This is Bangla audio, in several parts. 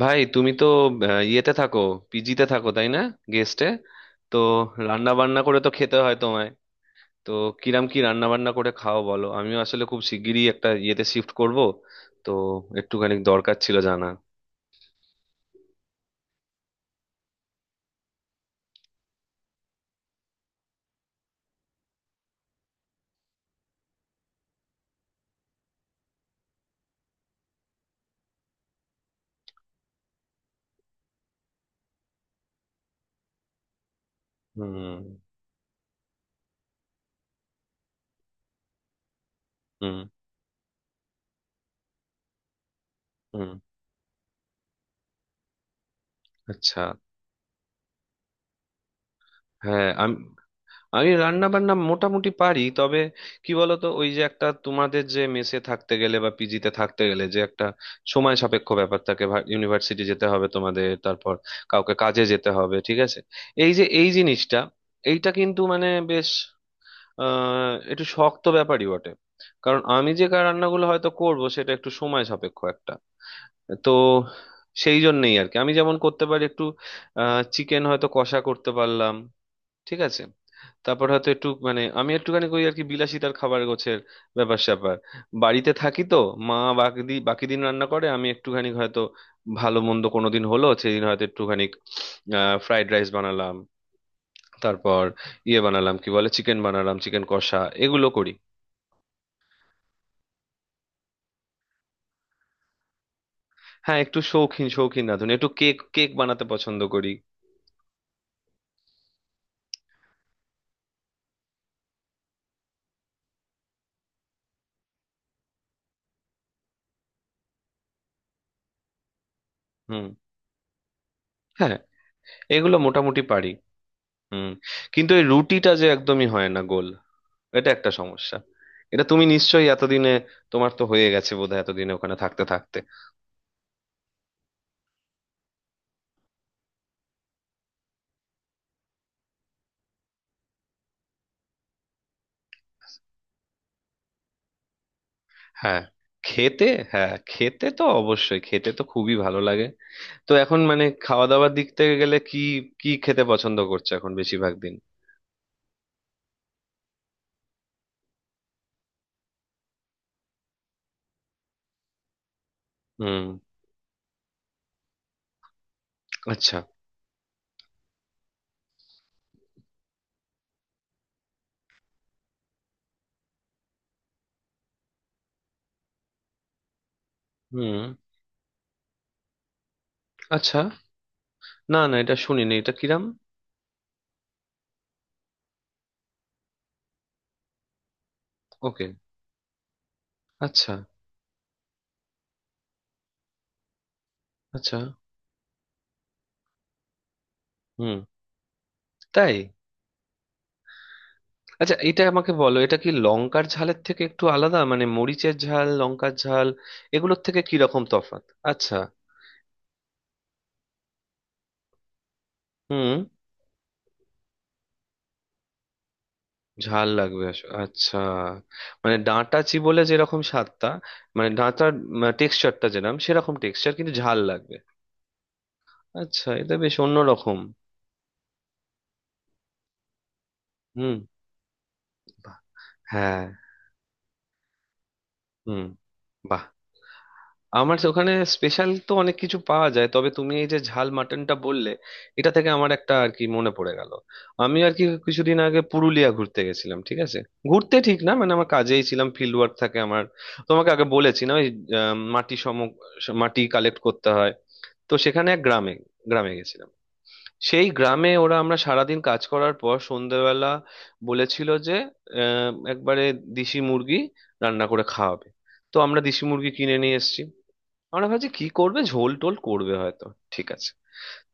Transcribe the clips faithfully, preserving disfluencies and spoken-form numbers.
ভাই তুমি তো আহ, ইয়েতে থাকো, পিজিতে থাকো তাই না? গেস্টে, তো রান্না বান্না করে তো খেতে হয় তোমায়। তো কিরাম কি রান্না বান্না করে খাও বলো? আমিও আসলে খুব শিগগিরই একটা ইয়েতে শিফট করব, তো একটুখানি দরকার ছিল জানা। হুম, হুম, হুম। আচ্ছা। হ্যাঁ আমি, আমি রান্না বান্না মোটামুটি পারি, তবে কি বলতো, ওই যে একটা তোমাদের, যে মেসে থাকতে গেলে বা পিজিতে থাকতে গেলে যে একটা সময় সাপেক্ষ ব্যাপার থাকে। ইউনিভার্সিটি যেতে হবে তোমাদের, তারপর কাউকে কাজে যেতে হবে, ঠিক আছে। এই যে এই জিনিসটা, এইটা কিন্তু মানে বেশ আহ একটু শক্ত ব্যাপারই বটে। কারণ আমি যে কা- রান্নাগুলো হয়তো করব, সেটা একটু সময় সাপেক্ষ একটা, তো সেই জন্যই আর কি। আমি যেমন করতে পারি একটু আহ চিকেন হয়তো কষা করতে পারলাম, ঠিক আছে। তারপর হয়তো একটু মানে আমি একটুখানি করি আর কি, বিলাসিতার খাবার গোছের ব্যাপার স্যাপার। বাড়িতে থাকি তো, মা বাকি দিন বাকি দিন রান্না করে, আমি একটুখানি হয়তো ভালো মন্দ কোনো দিন হলো সেদিন হয়তো একটুখানি ফ্রাইড রাইস বানালাম, তারপর ইয়ে বানালাম কি বলে, চিকেন বানালাম, চিকেন কষা, এগুলো করি। হ্যাঁ একটু শৌখিন শৌখিন না, ধরুন একটু কেক কেক বানাতে পছন্দ করি। হুম। হ্যাঁ এগুলো মোটামুটি পারি। হুম। কিন্তু এই রুটিটা যে একদমই হয় না গোল, এটা একটা সমস্যা। এটা তুমি নিশ্চয়ই এতদিনে, তোমার তো হয়ে গেছে বোধহয় এতদিনে ওখানে থাকতে থাকতে। হ্যাঁ খেতে, হ্যাঁ খেতে তো অবশ্যই, খেতে তো খুবই ভালো লাগে। তো এখন মানে খাওয়া দাওয়ার দিক থেকে গেলে কি কি খেতে পছন্দ করছো এখন বেশিরভাগ দিন? হুম। আচ্ছা। হুম। আচ্ছা। না না এটা শুনিনি, এটা কিরাম? ওকে। আচ্ছা। আচ্ছা। হুম। তাই? আচ্ছা এটা আমাকে বলো, এটা কি লঙ্কার ঝালের থেকে একটু আলাদা? মানে মরিচের ঝাল, লঙ্কার ঝাল, এগুলোর থেকে কি রকম তফাৎ? আচ্ছা। হুম। ঝাল লাগবে আস- আচ্ছা। মানে ডাঁটা বলে যেরকম স্বাদটা, মানে ডাঁটার টেক্সচারটা যেরকম সেরকম টেক্সচার কিন্তু ঝাল লাগবে। আচ্ছা, এটা বেশ অন্য রকম। হুম। বাহ, হ্যাঁ। হুম। বাহ। আমার তো ওখানে স্পেশাল তো অনেক কিছু পাওয়া যায়, তবে তুমি এই যে ঝাল মাটনটা বললে, এটা থেকে আমার একটা আর কি মনে পড়ে গেল। আমি আর কি কিছুদিন আগে পুরুলিয়া ঘুরতে গেছিলাম, ঠিক আছে? ঘুরতে ঠিক না, মানে আমার কাজেই ছিলাম, ফিল্ড ওয়ার্ক থাকে আমার, তোমাকে আগে বলেছি না ওই আহ, মাটি সম মাটি কালেক্ট করতে হয়। তো সেখানে এক গ্রামে, গ্রামে গেছিলাম। সেই গ্রামে ওরা, আমরা সারাদিন কাজ করার পর সন্ধেবেলা বলেছিল যে আহ, একবারে দেশি মুরগি রান্না করে খাওয়াবে। তো আমরা দেশি মুরগি কিনে নিয়ে এসেছি, আমরা ভাবছি কি করবে, ঝোল টোল করবে হয়তো, ঠিক আছে।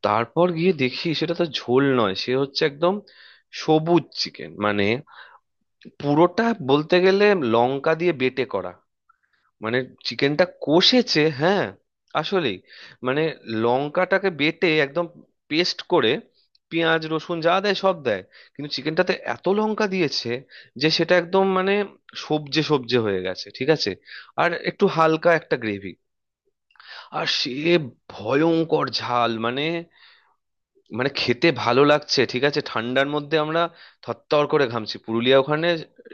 তারপর গিয়ে দেখি সেটা তো ঝোল নয়, সে হচ্ছে একদম সবুজ চিকেন, মানে পুরোটা বলতে গেলে লঙ্কা দিয়ে বেটে করা, মানে চিকেনটা কষেছে, হ্যাঁ। আসলেই, মানে লঙ্কাটাকে বেটে একদম পেস্ট করে পেঁয়াজ রসুন যা দেয় সব দেয়, কিন্তু চিকেনটাতে এত লঙ্কা দিয়েছে যে সেটা একদম মানে সবজে সবজে হয়ে গেছে, ঠিক আছে? আর একটু হালকা একটা গ্রেভি আর সে ভয়ঙ্কর ঝাল, মানে, মানে খেতে ভালো লাগছে ঠিক আছে, ঠান্ডার মধ্যে আমরা থরথর করে ঘামছি। পুরুলিয়া ওখানে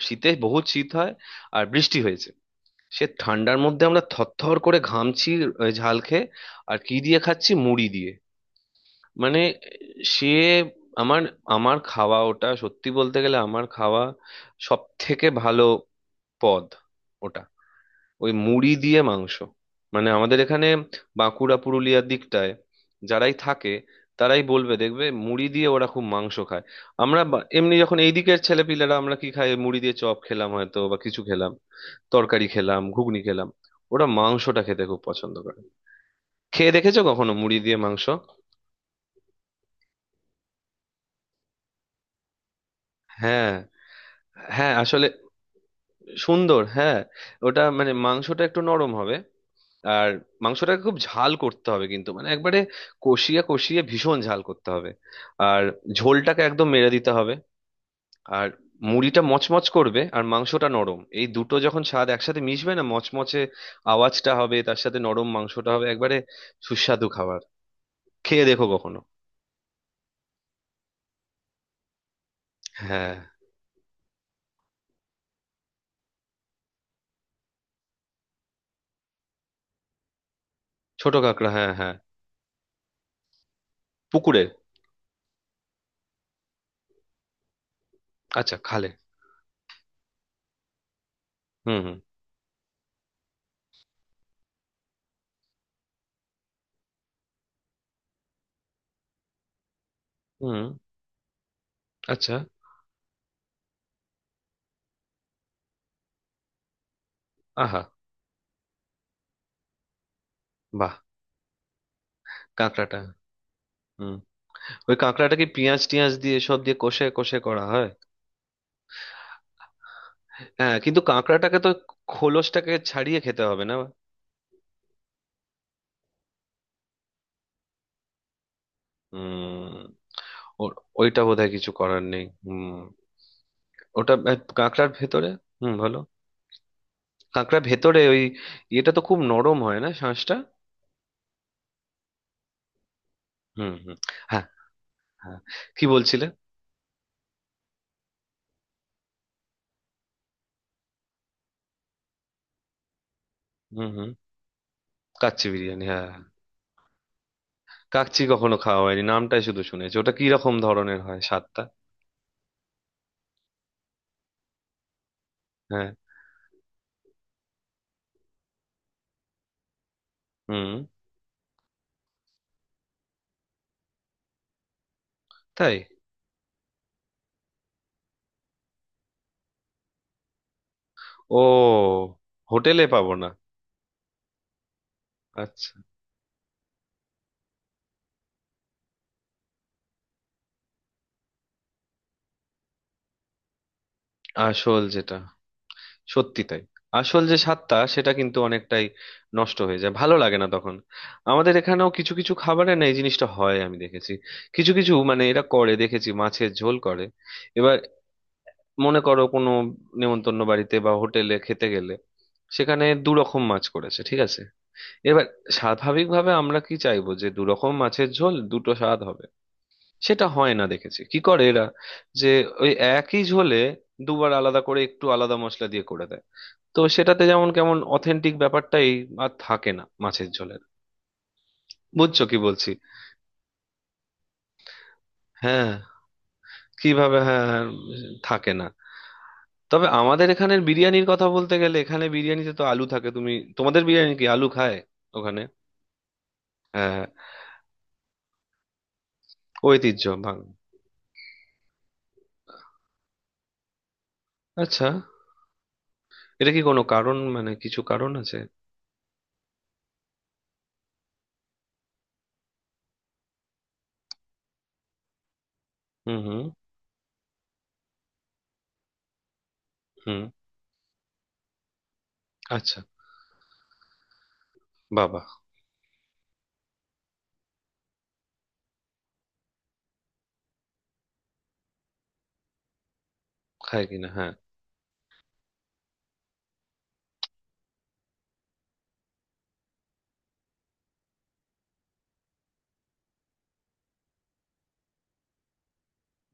শীতে বহুত শীত হয়, আর বৃষ্টি হয়েছে, সে ঠান্ডার মধ্যে আমরা থরথর করে ঘামছি আহ, ঝাল খেয়ে। আর কি দিয়ে খাচ্ছি? মুড়ি দিয়ে। মানে সে, আমার আমার খাওয়া ওটা, সত্যি বলতে গেলে আমার খাওয়া সব থেকে ভালো পদ ওটা, ওই মুড়ি দিয়ে মাংস। মানে আমাদের এখানে বাঁকুড়া পুরুলিয়ার দিকটায় যারাই থাকে তারাই বলবে, দেখবে মুড়ি দিয়ে ওরা খুব মাংস খায়। আমরা বা- এমনি যখন এই দিকের ছেলেপিলেরা, আমরা কি খাই? মুড়ি দিয়ে চপ খেলাম হয়তো বা কিছু খেলাম, তরকারি খেলাম, ঘুগনি খেলাম। ওরা মাংসটা খেতে খুব পছন্দ করে। খেয়ে দেখেছো কখনো মুড়ি দিয়ে মাংস? হ্যাঁ, হ্যাঁ আসলে। সুন্দর, হ্যাঁ। ওটা মানে মাংসটা একটু নরম হবে আর মাংসটাকে খুব ঝাল করতে হবে, কিন্তু মানে একবারে কষিয়ে কষিয়ে ভীষণ ঝাল করতে হবে। আর ঝোলটাকে একদম মেরে দিতে হবে। আর মুড়িটা মচমচ করবে আর মাংসটা নরম, এই দুটো যখন স্বাদ একসাথে মিশবে না, মচমচে আওয়াজটা হবে তার সাথে নরম মাংসটা হবে, একবারে সুস্বাদু খাবার। খেয়ে দেখো কখনো। হ্যাঁ। ছোট কাঁকড়া, হ্যাঁ হ্যাঁ। পুকুরের? আচ্ছা, খালে। হুম, হুম। হুম। আচ্ছা। আহা। বাহ। কাঁকড়াটা। হুম। ওই কাঁকড়াটাকে পেঁয়াজ টিয়াজ দিয়ে সব দিয়ে কষে কষে করা হয়? হ্যাঁ, কিন্তু কাঁকড়াটাকে তো খোলসটাকে ছাড়িয়ে খেতে হবে না? হুম। ওর- ওইটা বোধহয় কিছু করার নেই, হুম। ওটা আহ, কাঁকড়ার ভেতরে। হুম, ভালো। কাঁকড়ার ভেতরে ওই, এটা তো খুব নরম হয় না শাঁসটা? হুম, হুম। হ্যাঁ, হ্যাঁ। কি বলছিলে? হুম, হুম। কাচ্চি বিরিয়ানি, হ্যাঁ হ্যাঁ। কাচ্চি কখনো খাওয়া হয়নি, নামটাই শুধু শুনেছি। ওটা কি রকম ধরনের হয় স্বাদটা? হ্যাঁ। হুম। তাই? ও, হোটেলে পাবো না? আচ্ছা। আসল যেটা, সত্যি তাই, আসল যে স্বাদটা সেটা কিন্তু অনেকটাই নষ্ট হয়ে যায়, ভালো লাগে না তখন। আমাদের এখানেও কিছু কিছু খাবারে না এই জিনিসটা হয়, আমি দেখেছি। কিছু কিছু মানে এরা করে দেখেছি, মাছের ঝোল করে এবার, মনে করো কোনো নেমন্তন্ন বাড়িতে বা হোটেলে খেতে গেলে, সেখানে দু রকম মাছ করেছে, ঠিক আছে? এবার স্বাভাবিকভাবে আমরা কি চাইবো? যে দু রকম মাছের ঝোল দুটো স্বাদ হবে। সেটা হয় না, দেখেছি কি করে এরা, যে ওই একই ঝোলে দুবার আলাদা করে একটু আলাদা মশলা দিয়ে করে দেয়। তো সেটাতে যেমন কেমন অথেন্টিক ব্যাপারটাই আর থাকে না মাছের ঝোলের। বুঝছো কি বলছি? হ্যাঁ, কিভাবে, হ্যাঁ হ্যাঁ, থাকে না। তবে আমাদের এখানের বিরিয়ানির কথা বলতে গেলে, এখানে বিরিয়ানিতে তো আলু থাকে। তুমি, তোমাদের বিরিয়ানি কি আলু খায় ওখানে? হ্যাঁ হ্যাঁ, ঐতিহ্য ভাঙ। আচ্ছা, এটা কি কোনো কারণ, মানে কিছু কারণ আছে? হুম, হুম। হুম। আচ্ছা। বাবা। খায় কিনা, হ্যাঁ।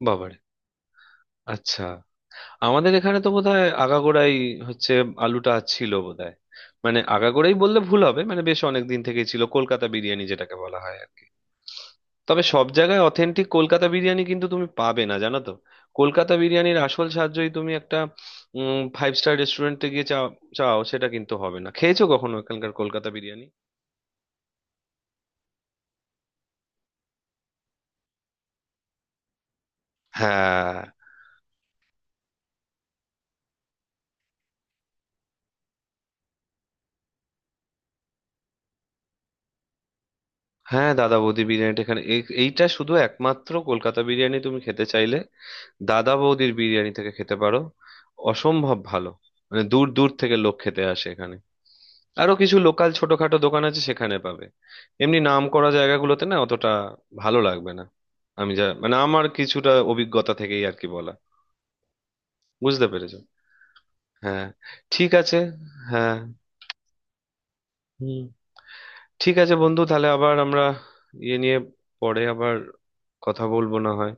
বাবারে। আচ্ছা আমাদের এখানে তো বোধহয় আগাগোড়াই হচ্ছে আলুটা ছিল বোধহয়। মানে আগাগোড়াই বললে ভুল হবে, মানে বেশ অনেক দিন থেকেই ছিল, কলকাতা বিরিয়ানি যেটাকে বলা হয় আর কি। তবে সব জায়গায় অথেন্টিক কলকাতা বিরিয়ানি কিন্তু তুমি পাবে না, জানো তো। কলকাতা বিরিয়ানির আসল সাহায্যই তুমি একটা ফাইভ স্টার রেস্টুরেন্টে গিয়ে চাও, চাও সেটা কিন্তু হবে না। খেয়েছো কখনো এখানকার কলকাতা বিরিয়ানি? হ্যাঁ হ্যাঁ, দাদা বৌদি বিরিয়ানিটা এখানে, এ- এইটা শুধু একমাত্র কলকাতা বিরিয়ানি তুমি খেতে চাইলে দাদা বৌদির বিরিয়ানি থেকে খেতে পারো। অসম্ভব ভালো, মানে দূর দূর থেকে লোক খেতে আসে এখানে। আরো কিছু লোকাল ছোটখাটো দোকান আছে সেখানে পাবে। এমনি নাম করা জায়গাগুলোতে না অতটা ভালো লাগবে না। আমি যা, মানে আমার কিছুটা অভিজ্ঞতা থেকেই আর কি বলা, বুঝতে পেরেছো? হ্যাঁ। ঠিক আছে। হ্যাঁ। হুম। ঠিক আছে বন্ধু, তাহলে আবার আমরা ইয়ে নিয়ে পরে আবার কথা বলবো না হয়।